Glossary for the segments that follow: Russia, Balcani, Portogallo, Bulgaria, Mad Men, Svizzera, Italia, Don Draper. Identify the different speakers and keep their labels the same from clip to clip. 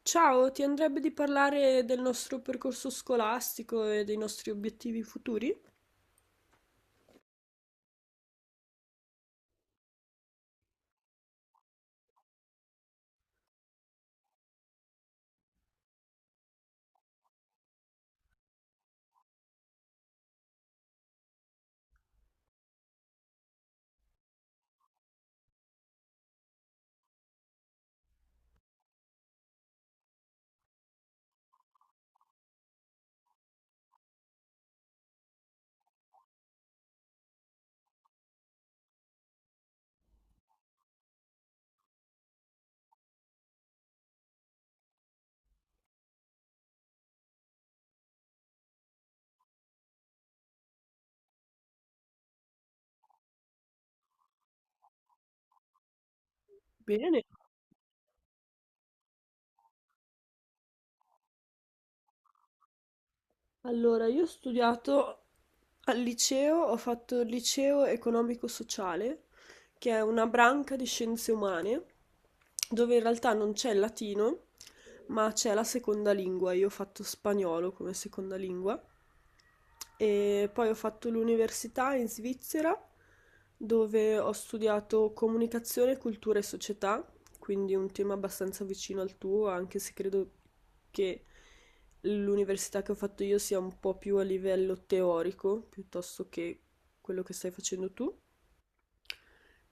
Speaker 1: Ciao, ti andrebbe di parlare del nostro percorso scolastico e dei nostri obiettivi futuri? Bene. Allora, io ho studiato al liceo, ho fatto il liceo economico-sociale, che è una branca di scienze umane, dove in realtà non c'è il latino, ma c'è la seconda lingua. Io ho fatto spagnolo come seconda lingua. E poi ho fatto l'università in Svizzera, dove ho studiato comunicazione, cultura e società. Quindi un tema abbastanza vicino al tuo, anche se credo che l'università che ho fatto io sia un po' più a livello teorico, piuttosto che quello che stai facendo tu.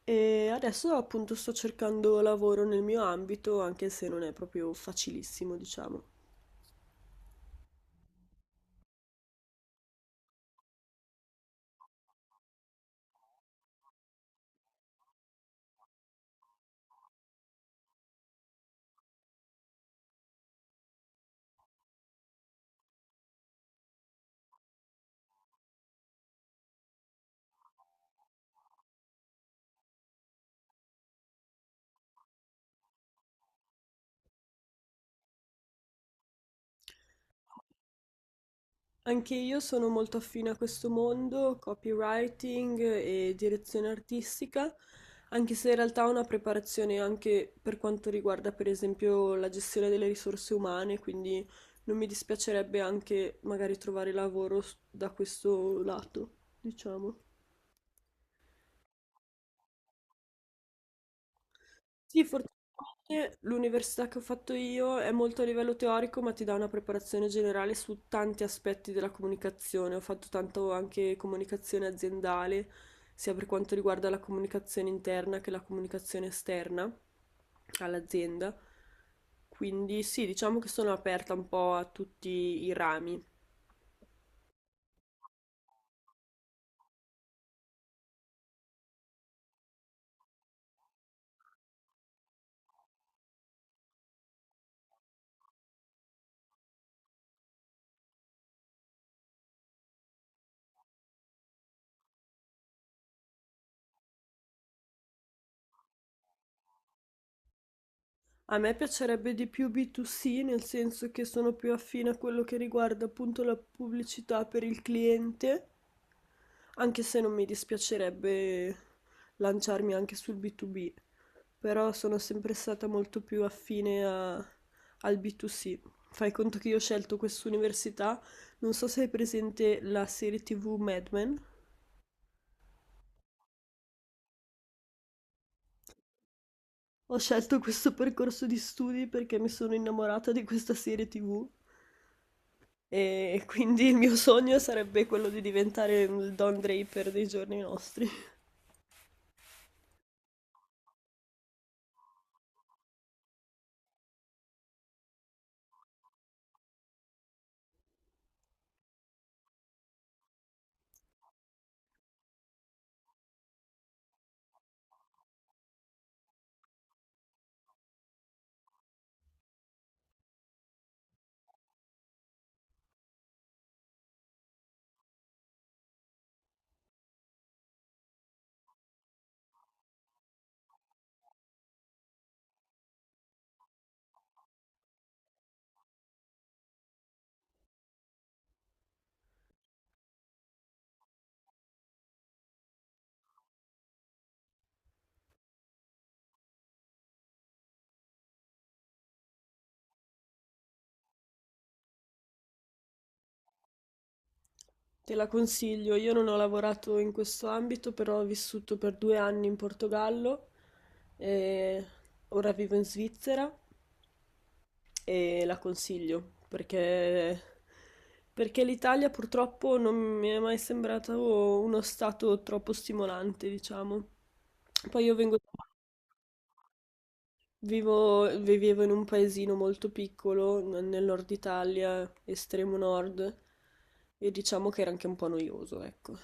Speaker 1: E adesso appunto sto cercando lavoro nel mio ambito, anche se non è proprio facilissimo, diciamo. Anche io sono molto affine a questo mondo, copywriting e direzione artistica, anche se in realtà ho una preparazione anche per quanto riguarda per esempio la gestione delle risorse umane, quindi non mi dispiacerebbe anche magari trovare lavoro da questo lato, diciamo. Sì, fortunatamente l'università che ho fatto io è molto a livello teorico, ma ti dà una preparazione generale su tanti aspetti della comunicazione. Ho fatto tanto anche comunicazione aziendale, sia per quanto riguarda la comunicazione interna che la comunicazione esterna all'azienda. Quindi sì, diciamo che sono aperta un po' a tutti i rami. A me piacerebbe di più B2C, nel senso che sono più affine a quello che riguarda appunto la pubblicità per il cliente, anche se non mi dispiacerebbe lanciarmi anche sul B2B, però sono sempre stata molto più affine al B2C. Fai conto che io ho scelto quest'università, non so se hai presente la serie TV Mad Men. Ho scelto questo percorso di studi perché mi sono innamorata di questa serie TV. E quindi il mio sogno sarebbe quello di diventare il Don Draper dei giorni nostri. Te la consiglio, io non ho lavorato in questo ambito, però ho vissuto per 2 anni in Portogallo e ora vivo in Svizzera e la consiglio perché l'Italia purtroppo non mi è mai sembrato uno stato troppo stimolante, diciamo. Poi io vengo Vivo, vivevo in un paesino molto piccolo, nel nord Italia, estremo nord, e diciamo che era anche un po' noioso, ecco.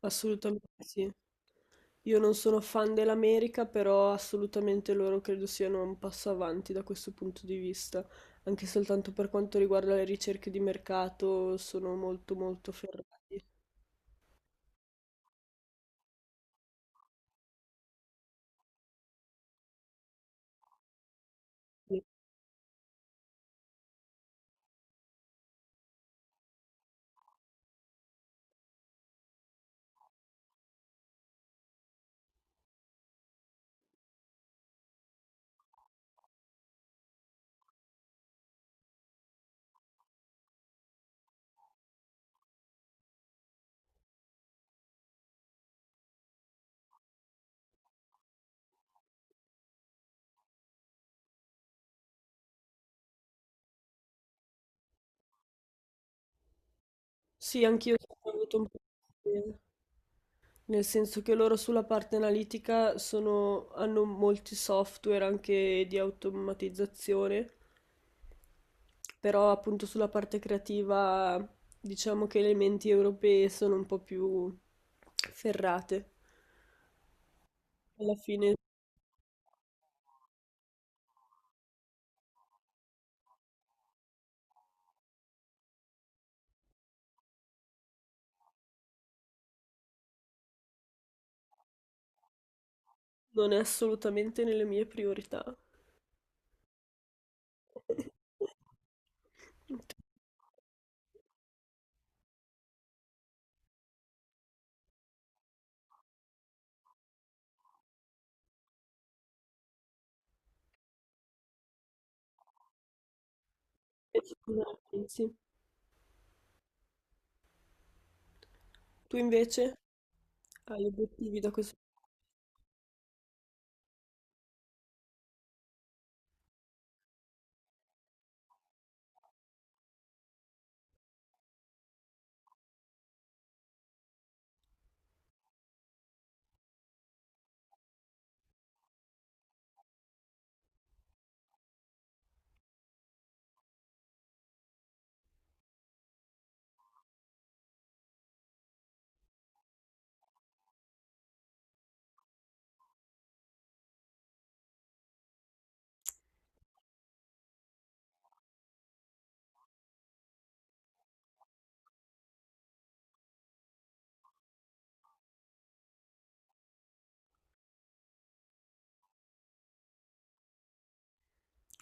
Speaker 1: Assolutamente sì. Io non sono fan dell'America, però assolutamente loro credo siano un passo avanti da questo punto di vista, anche soltanto per quanto riguarda le ricerche di mercato, sono molto molto ferrati. Sì, anch'io ho avuto un po' di. Nel senso che loro sulla parte analitica sono, hanno molti software anche di automatizzazione, però appunto sulla parte creativa diciamo che le menti europee sono un po' più ferrate. Alla fine non è assolutamente nelle mie priorità. Tu cosa ne pensi? Tu invece hai obiettivi da questo?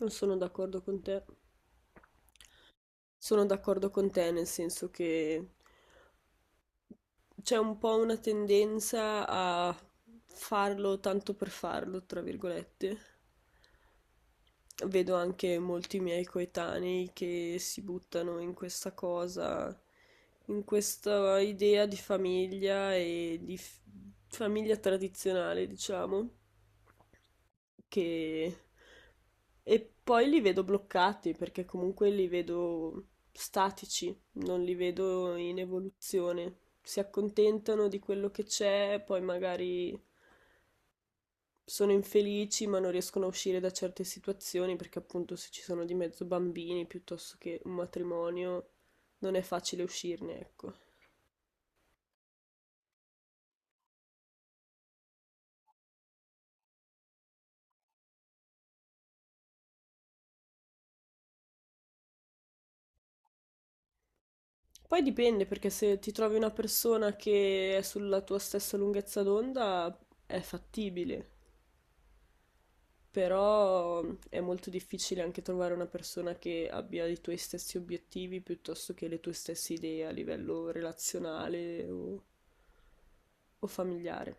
Speaker 1: Non sono d'accordo con te. Sono d'accordo con te, nel senso che c'è un po' una tendenza a farlo tanto per farlo, tra virgolette. Vedo anche molti miei coetanei che si buttano in questa cosa, in questa idea di famiglia e di famiglia tradizionale, diciamo. Che e poi li vedo bloccati perché comunque li vedo statici, non li vedo in evoluzione. Si accontentano di quello che c'è, poi magari sono infelici ma non riescono a uscire da certe situazioni perché appunto se ci sono di mezzo bambini piuttosto che un matrimonio non è facile uscirne, ecco. Poi dipende perché se ti trovi una persona che è sulla tua stessa lunghezza d'onda è fattibile. Però è molto difficile anche trovare una persona che abbia i tuoi stessi obiettivi piuttosto che le tue stesse idee a livello relazionale o familiare.